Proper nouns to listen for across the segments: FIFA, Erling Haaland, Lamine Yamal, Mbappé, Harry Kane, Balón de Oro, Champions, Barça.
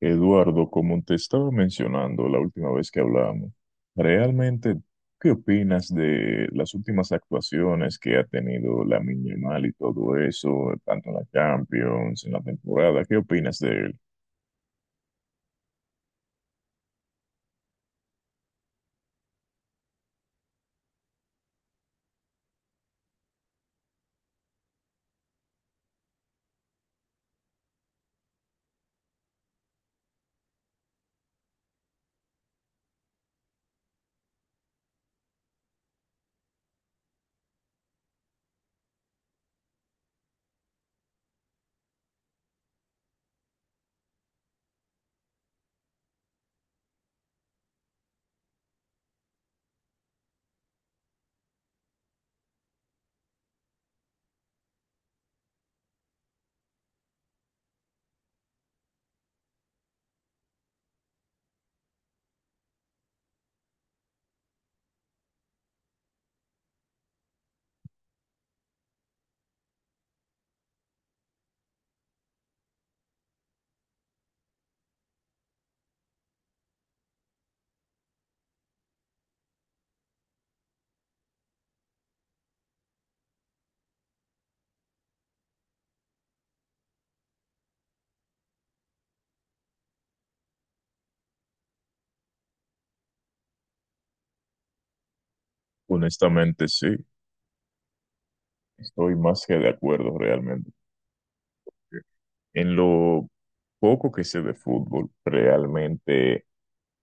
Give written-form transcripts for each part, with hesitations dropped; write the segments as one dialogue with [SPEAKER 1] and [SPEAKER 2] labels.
[SPEAKER 1] Eduardo, como te estaba mencionando la última vez que hablamos, realmente, ¿qué opinas de las últimas actuaciones que ha tenido la Yamal y todo eso, tanto en la Champions, en la temporada? ¿Qué opinas de él? Honestamente, sí, estoy más que de acuerdo realmente. En lo poco que sé de fútbol, realmente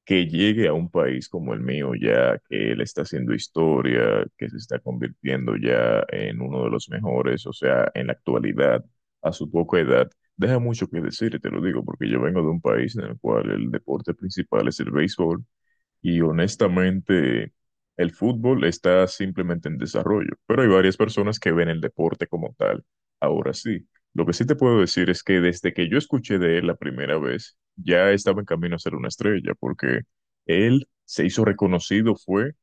[SPEAKER 1] que llegue a un país como el mío, ya que él está haciendo historia, que se está convirtiendo ya en uno de los mejores, o sea, en la actualidad, a su poca edad, deja mucho que decir, y te lo digo, porque yo vengo de un país en el cual el deporte principal es el béisbol y honestamente, el fútbol está simplemente en desarrollo, pero hay varias personas que ven el deporte como tal. Ahora sí, lo que sí te puedo decir es que desde que yo escuché de él la primera vez, ya estaba en camino a ser una estrella, porque él se hizo reconocido, fue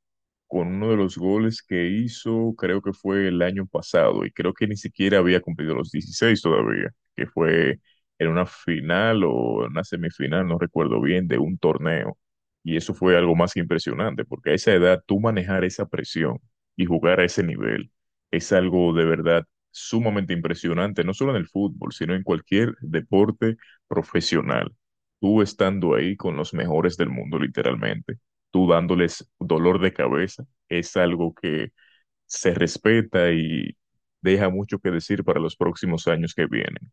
[SPEAKER 1] con uno de los goles que hizo, creo que fue el año pasado, y creo que ni siquiera había cumplido los 16 todavía, que fue en una final o en una semifinal, no recuerdo bien, de un torneo. Y eso fue algo más que impresionante, porque a esa edad tú manejar esa presión y jugar a ese nivel es algo de verdad sumamente impresionante, no solo en el fútbol, sino en cualquier deporte profesional. Tú estando ahí con los mejores del mundo, literalmente tú dándoles dolor de cabeza, es algo que se respeta y deja mucho que decir para los próximos años que vienen.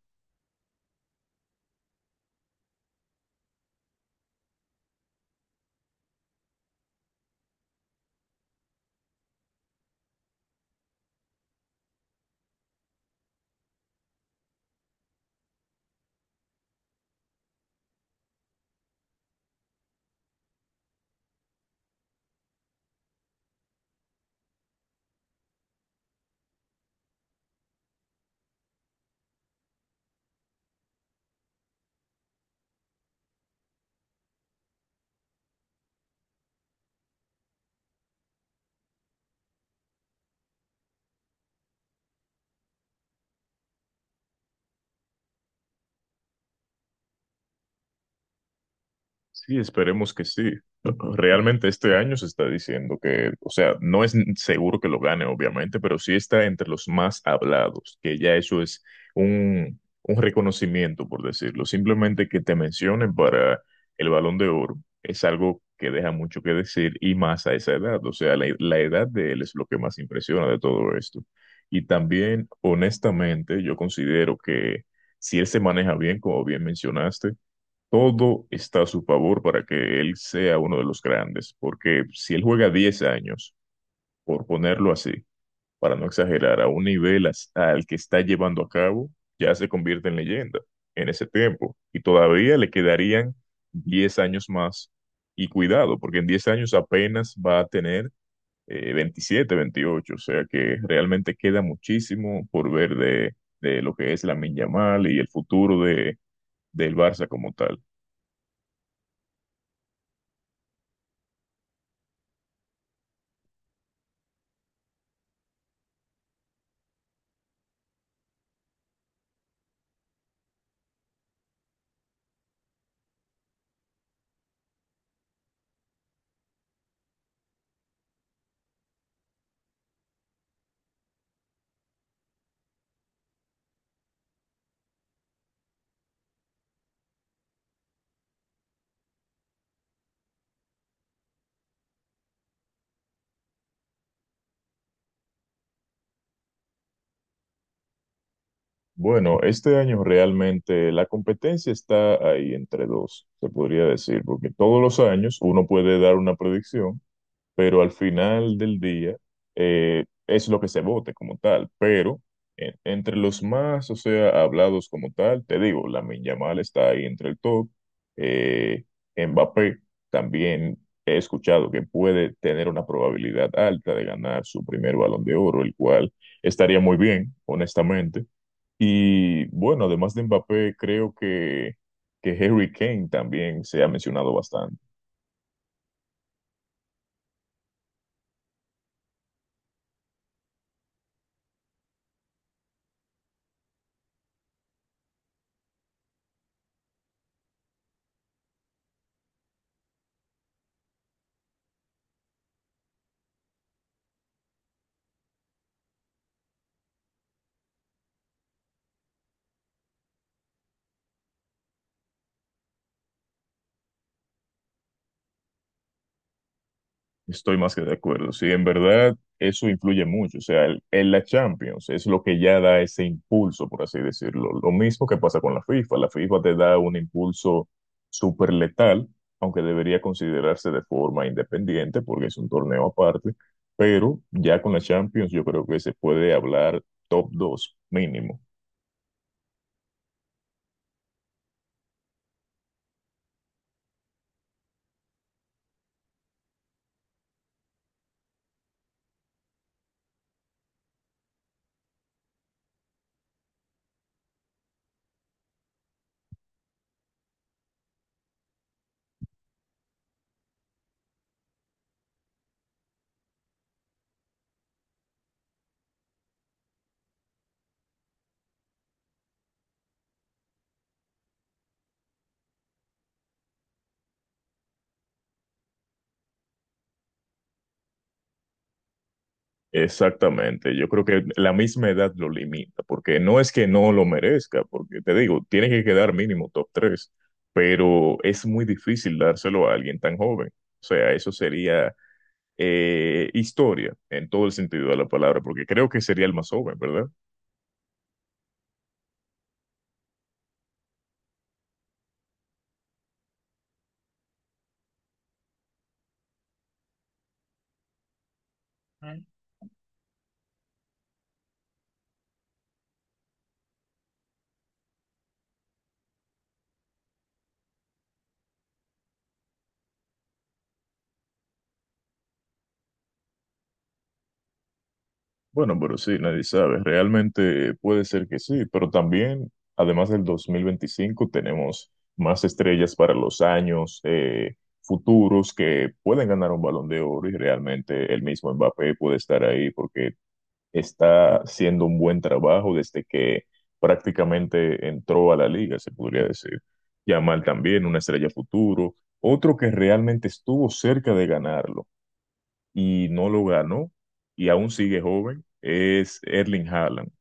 [SPEAKER 1] Sí, esperemos que sí. Realmente este año se está diciendo que, o sea, no es seguro que lo gane, obviamente, pero sí está entre los más hablados, que ya eso es un reconocimiento, por decirlo. Simplemente que te mencionen para el Balón de Oro es algo que deja mucho que decir y más a esa edad. O sea, la edad de él es lo que más impresiona de todo esto. Y también, honestamente, yo considero que si él se maneja bien, como bien mencionaste, todo está a su favor para que él sea uno de los grandes, porque si él juega 10 años, por ponerlo así, para no exagerar, a un al que está llevando a cabo, ya se convierte en leyenda en ese tiempo. Y todavía le quedarían 10 años más. Y cuidado, porque en 10 años apenas va a tener 27, 28, o sea que realmente queda muchísimo por ver de lo que es la Yamal y el futuro de, del Barça como tal. Bueno, este año realmente la competencia está ahí entre dos, se podría decir, porque todos los años uno puede dar una predicción, pero al final del día es lo que se vote como tal. Pero entre los más, o sea, hablados como tal, te digo, Lamine Yamal está ahí entre el top, eh, Mbappé también he escuchado que puede tener una probabilidad alta de ganar su primer Balón de Oro, el cual estaría muy bien, honestamente. Y bueno, además de Mbappé, creo que Harry Kane también se ha mencionado bastante. Estoy más que de acuerdo. Sí, en verdad eso influye mucho. O sea, en la Champions es lo que ya da ese impulso, por así decirlo. Lo mismo que pasa con la FIFA. La FIFA te da un impulso súper letal, aunque debería considerarse de forma independiente porque es un torneo aparte. Pero ya con la Champions yo creo que se puede hablar top 2 mínimo. Exactamente, yo creo que la misma edad lo limita, porque no es que no lo merezca, porque te digo, tiene que quedar mínimo top 3, pero es muy difícil dárselo a alguien tan joven. O sea, eso sería historia en todo el sentido de la palabra, porque creo que sería el más joven, ¿verdad? Bueno, pero sí, nadie sabe. Realmente puede ser que sí, pero también, además del 2025, tenemos más estrellas para los años futuros que pueden ganar un Balón de Oro y realmente el mismo Mbappé puede estar ahí porque está haciendo un buen trabajo desde que prácticamente entró a la liga, se podría decir. Yamal también, una estrella futuro. Otro que realmente estuvo cerca de ganarlo y no lo ganó y aún sigue joven es Erling Haaland.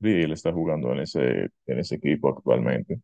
[SPEAKER 1] Sí, él está jugando en ese equipo actualmente.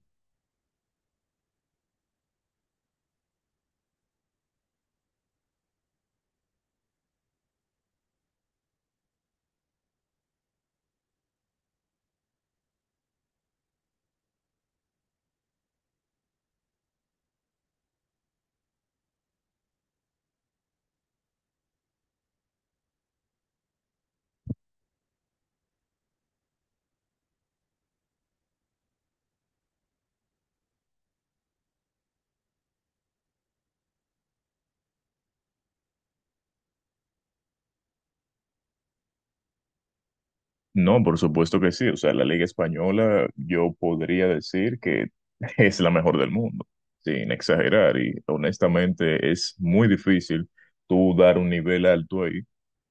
[SPEAKER 1] No, por supuesto que sí. O sea, la Liga Española yo podría decir que es la mejor del mundo, sin exagerar. Y honestamente es muy difícil tú dar un nivel alto ahí,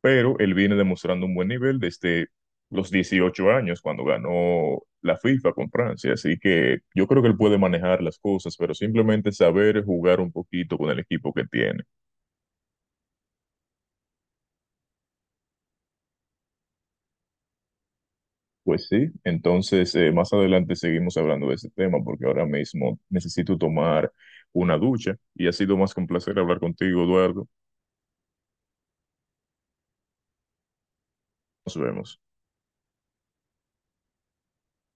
[SPEAKER 1] pero él viene demostrando un buen nivel desde los 18 años cuando ganó la FIFA con Francia. Así que yo creo que él puede manejar las cosas, pero simplemente saber jugar un poquito con el equipo que tiene. Pues sí, entonces más adelante seguimos hablando de ese tema porque ahora mismo necesito tomar una ducha y ha sido más que un placer hablar contigo, Eduardo. Nos vemos.